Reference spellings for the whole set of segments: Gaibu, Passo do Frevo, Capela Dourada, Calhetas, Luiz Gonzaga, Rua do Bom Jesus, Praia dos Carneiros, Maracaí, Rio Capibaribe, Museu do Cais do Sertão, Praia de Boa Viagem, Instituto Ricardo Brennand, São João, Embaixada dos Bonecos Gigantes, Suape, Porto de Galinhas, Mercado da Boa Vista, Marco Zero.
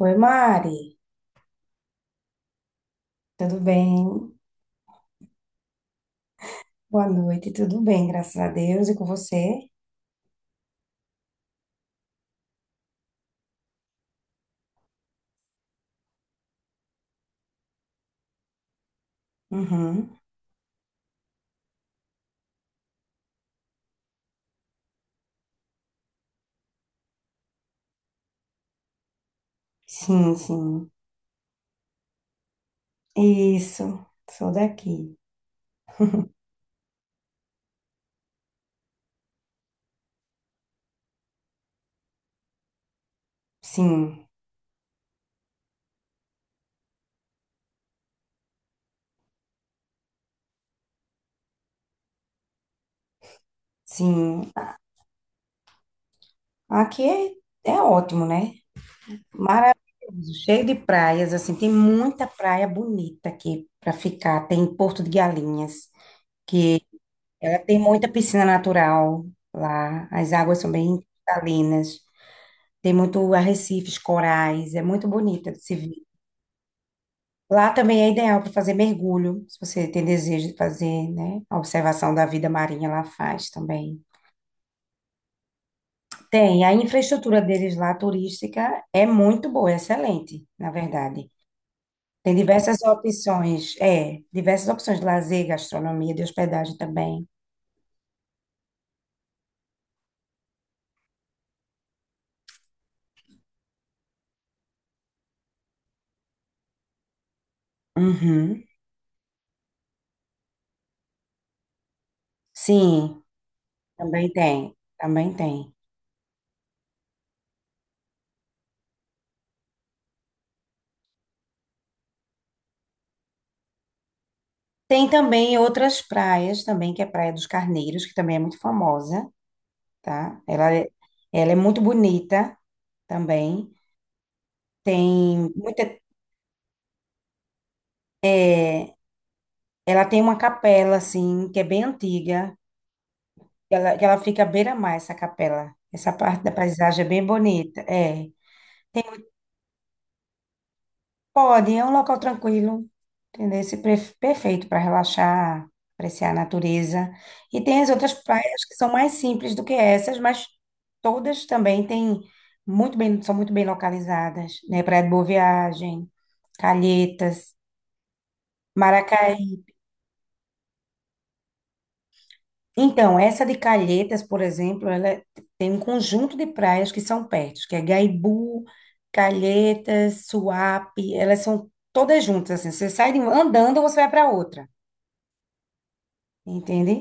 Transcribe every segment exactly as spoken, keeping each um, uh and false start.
Oi, Mari. Tudo bem? Boa noite, tudo bem, graças a Deus. E com você? Uhum. Sim, sim. Isso, sou daqui. Sim, sim. Aqui é, é ótimo, né? Maravilhoso, cheio de praias, assim, tem muita praia bonita aqui para ficar. Tem Porto de Galinhas, que ela tem muita piscina natural lá, as águas são bem cristalinas, tem muito arrecifes, corais, é muito bonita de se ver. Lá também é ideal para fazer mergulho, se você tem desejo de fazer, né? A observação da vida marinha lá faz também. Tem, a infraestrutura deles lá, turística, é muito boa, é excelente, na verdade. Tem diversas opções, é, diversas opções de lazer, gastronomia, de hospedagem também. Uhum. Sim, também tem, também tem. Tem também outras praias também, que é a Praia dos Carneiros, que também é muito famosa, tá? Ela é, ela é muito bonita também. Tem muita, ela tem uma capela assim, que é bem antiga, que ela, que ela fica à beira-mar, essa capela. Essa parte da paisagem é bem bonita. É, pode, é um local tranquilo, entendeu? Esse pre- perfeito para relaxar, apreciar a natureza. E tem as outras praias que são mais simples do que essas, mas todas também têm muito bem, são muito bem localizadas, né? Praia de Boa Viagem, Calhetas, Maracaí. Então, essa de Calhetas, por exemplo, ela é- tem um conjunto de praias que são perto, que é Gaibu, Calhetas, Suape, elas são todas juntas, assim, você sai de uma, andando, você vai para outra, entende?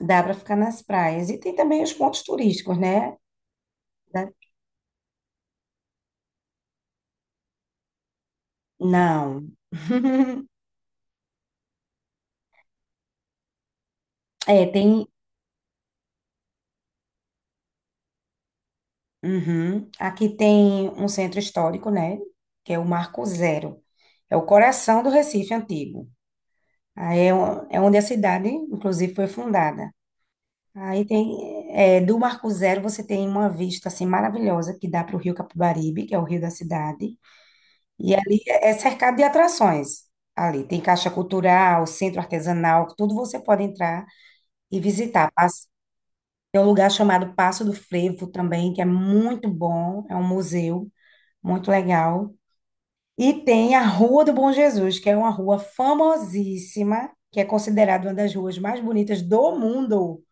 Dá para ficar nas praias. E tem também os pontos turísticos, né? Da- Não. É, tem. Uhum. Aqui tem um centro histórico, né? Que é o Marco Zero. É o coração do Recife antigo. Aí é, o- é onde a cidade, inclusive, foi fundada. Aí tem, é, do Marco Zero você tem uma vista assim maravilhosa que dá para o Rio Capibaribe, que é o rio da cidade, e ali é é cercado de atrações. Ali tem caixa cultural, centro artesanal, tudo você pode entrar e visitar. Pas- Tem um lugar chamado Passo do Frevo também, que é muito bom, é um museu muito legal. E tem a Rua do Bom Jesus, que é uma rua famosíssima, que é considerada uma das ruas mais bonitas do mundo.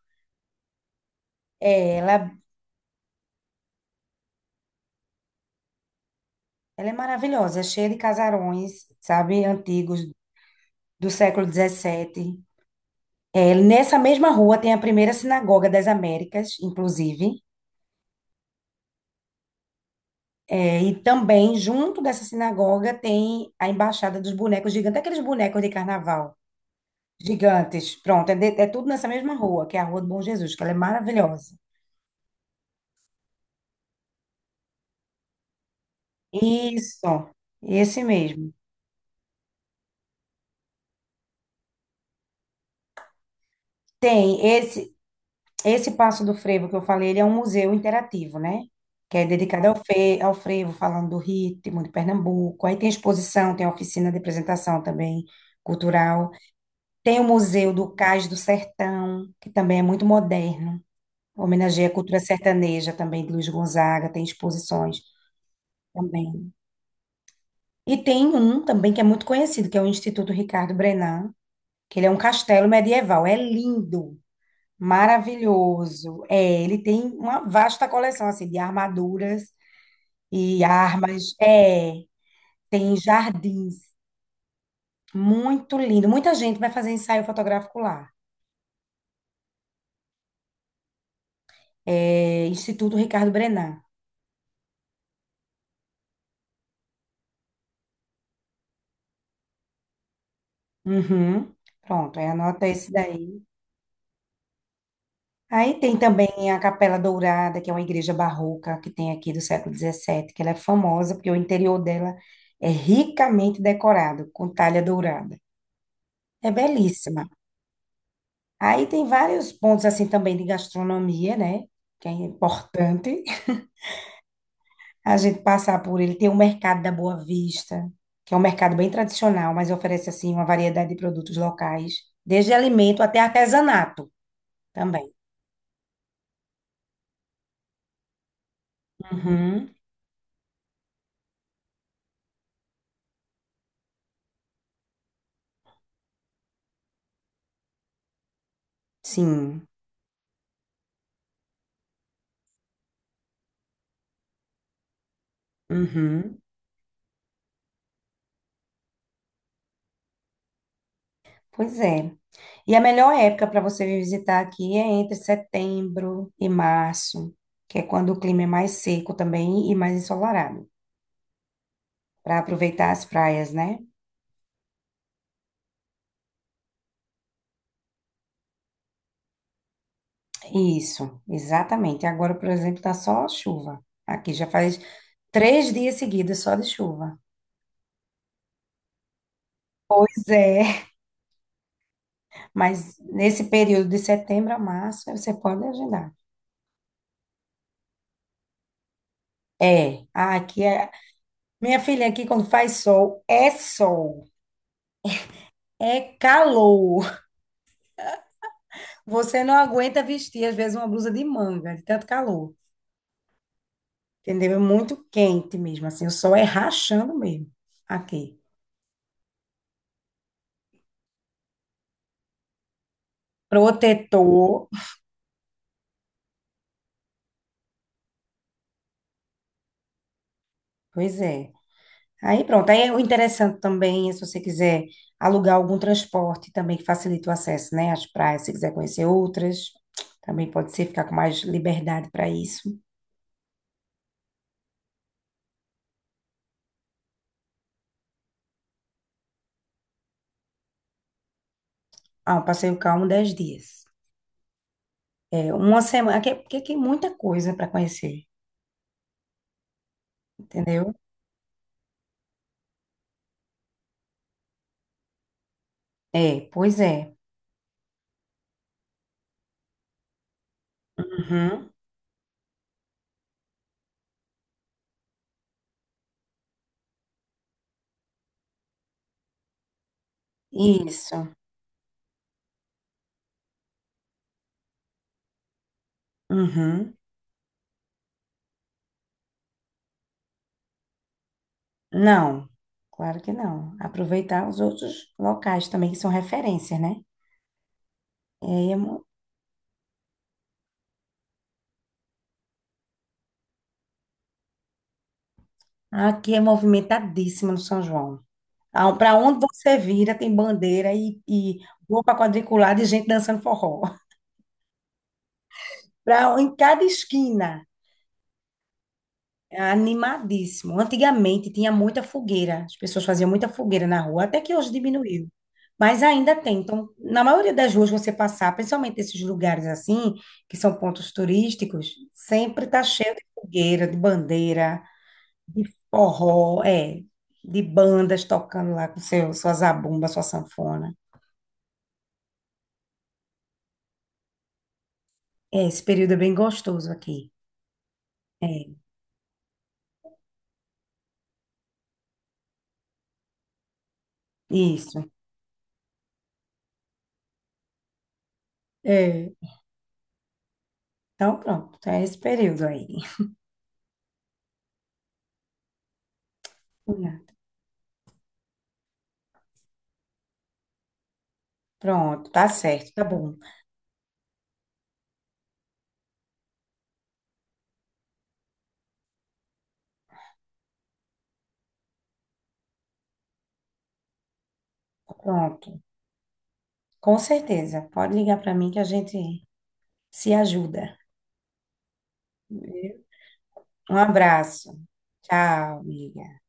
É, ela Ela é maravilhosa, é cheia de casarões, sabe, antigos do século dezessete. É, nessa mesma rua tem a primeira sinagoga das Américas, inclusive. É, e também, junto dessa sinagoga, tem a Embaixada dos Bonecos Gigantes, aqueles bonecos de carnaval gigantes. Pronto, é, de- é tudo nessa mesma rua, que é a Rua do Bom Jesus, que ela é maravilhosa. Isso, esse mesmo. Tem esse. Esse Passo do Frevo que eu falei, ele é um museu interativo, né? Que é dedicado ao, fe, ao frevo, falando do ritmo de Pernambuco. Aí tem exposição, tem oficina de apresentação também cultural. Tem o Museu do Cais do Sertão, que também é muito moderno. Homenageia a cultura sertaneja também de Luiz Gonzaga, tem exposições também. E tem um também que é muito conhecido, que é o Instituto Ricardo Brennand, que ele é um castelo medieval. É lindo. Maravilhoso. É, ele tem uma vasta coleção assim de armaduras e armas. É, tem jardins. Muito lindo. Muita gente vai fazer ensaio fotográfico lá. É, Instituto Ricardo Brennand. Uhum. Pronto, aí anota esse daí. Aí tem também a Capela Dourada, que é uma igreja barroca que tem aqui do século dezessete que ela é famosa porque o interior dela é ricamente decorado com talha dourada. É belíssima. Aí tem vários pontos assim também de gastronomia, né? Que é importante a gente passar por ele. Tem o mercado da Boa Vista, que é um mercado bem tradicional, mas oferece assim uma variedade de produtos locais, desde alimento até artesanato também. Uhum, sim. Uhum. Pois é. E a melhor época para você vir visitar aqui é entre setembro e março, que é quando o clima é mais seco também e mais ensolarado, para aproveitar as praias, né? Isso, exatamente. Agora, por exemplo, tá só chuva. Aqui já faz três dias seguidos só de chuva. Pois é, mas nesse período de setembro a março, você pode agendar. É, aqui é. Minha filha, aqui quando faz sol, é sol, é calor. Você não aguenta vestir, às vezes, uma blusa de manga, de tanto calor. Entendeu? É muito quente mesmo, assim, o sol é rachando mesmo aqui. Protetor, pois é. Aí pronto. Aí é o interessante também é se você quiser alugar algum transporte também que facilite o acesso, né, às praias, se quiser conhecer outras, também pode ser ficar com mais liberdade para isso. Ah, um passeio calmo dez dias. É, uma semana, que- é, porque tem muita coisa para conhecer, entendeu? É, pois é. Uhum. Isso. Uhum. Não, claro que não. Aproveitar os outros locais também que são referências, né? É, é mo- Aqui é movimentadíssimo no São João. Para onde você vira, tem bandeira e, e roupa quadriculada e gente dançando forró. Pra, em cada esquina, é animadíssimo. Antigamente tinha muita fogueira, as pessoas faziam muita fogueira na rua, até que hoje diminuiu. Mas ainda tem. Então, na maioria das ruas você passar, principalmente esses lugares assim, que são pontos turísticos, sempre tá cheio de fogueira, de bandeira, de forró, é, de bandas tocando lá com seu, sua zabumba, sua sanfona. É, esse período é bem gostoso aqui. É, isso. É. Então, pronto, tá esse período aí. Hum, Pronto, tá certo, tá bom. Pronto, com certeza. Pode ligar para mim que a gente se ajuda, viu? Um abraço. Tchau, amiga.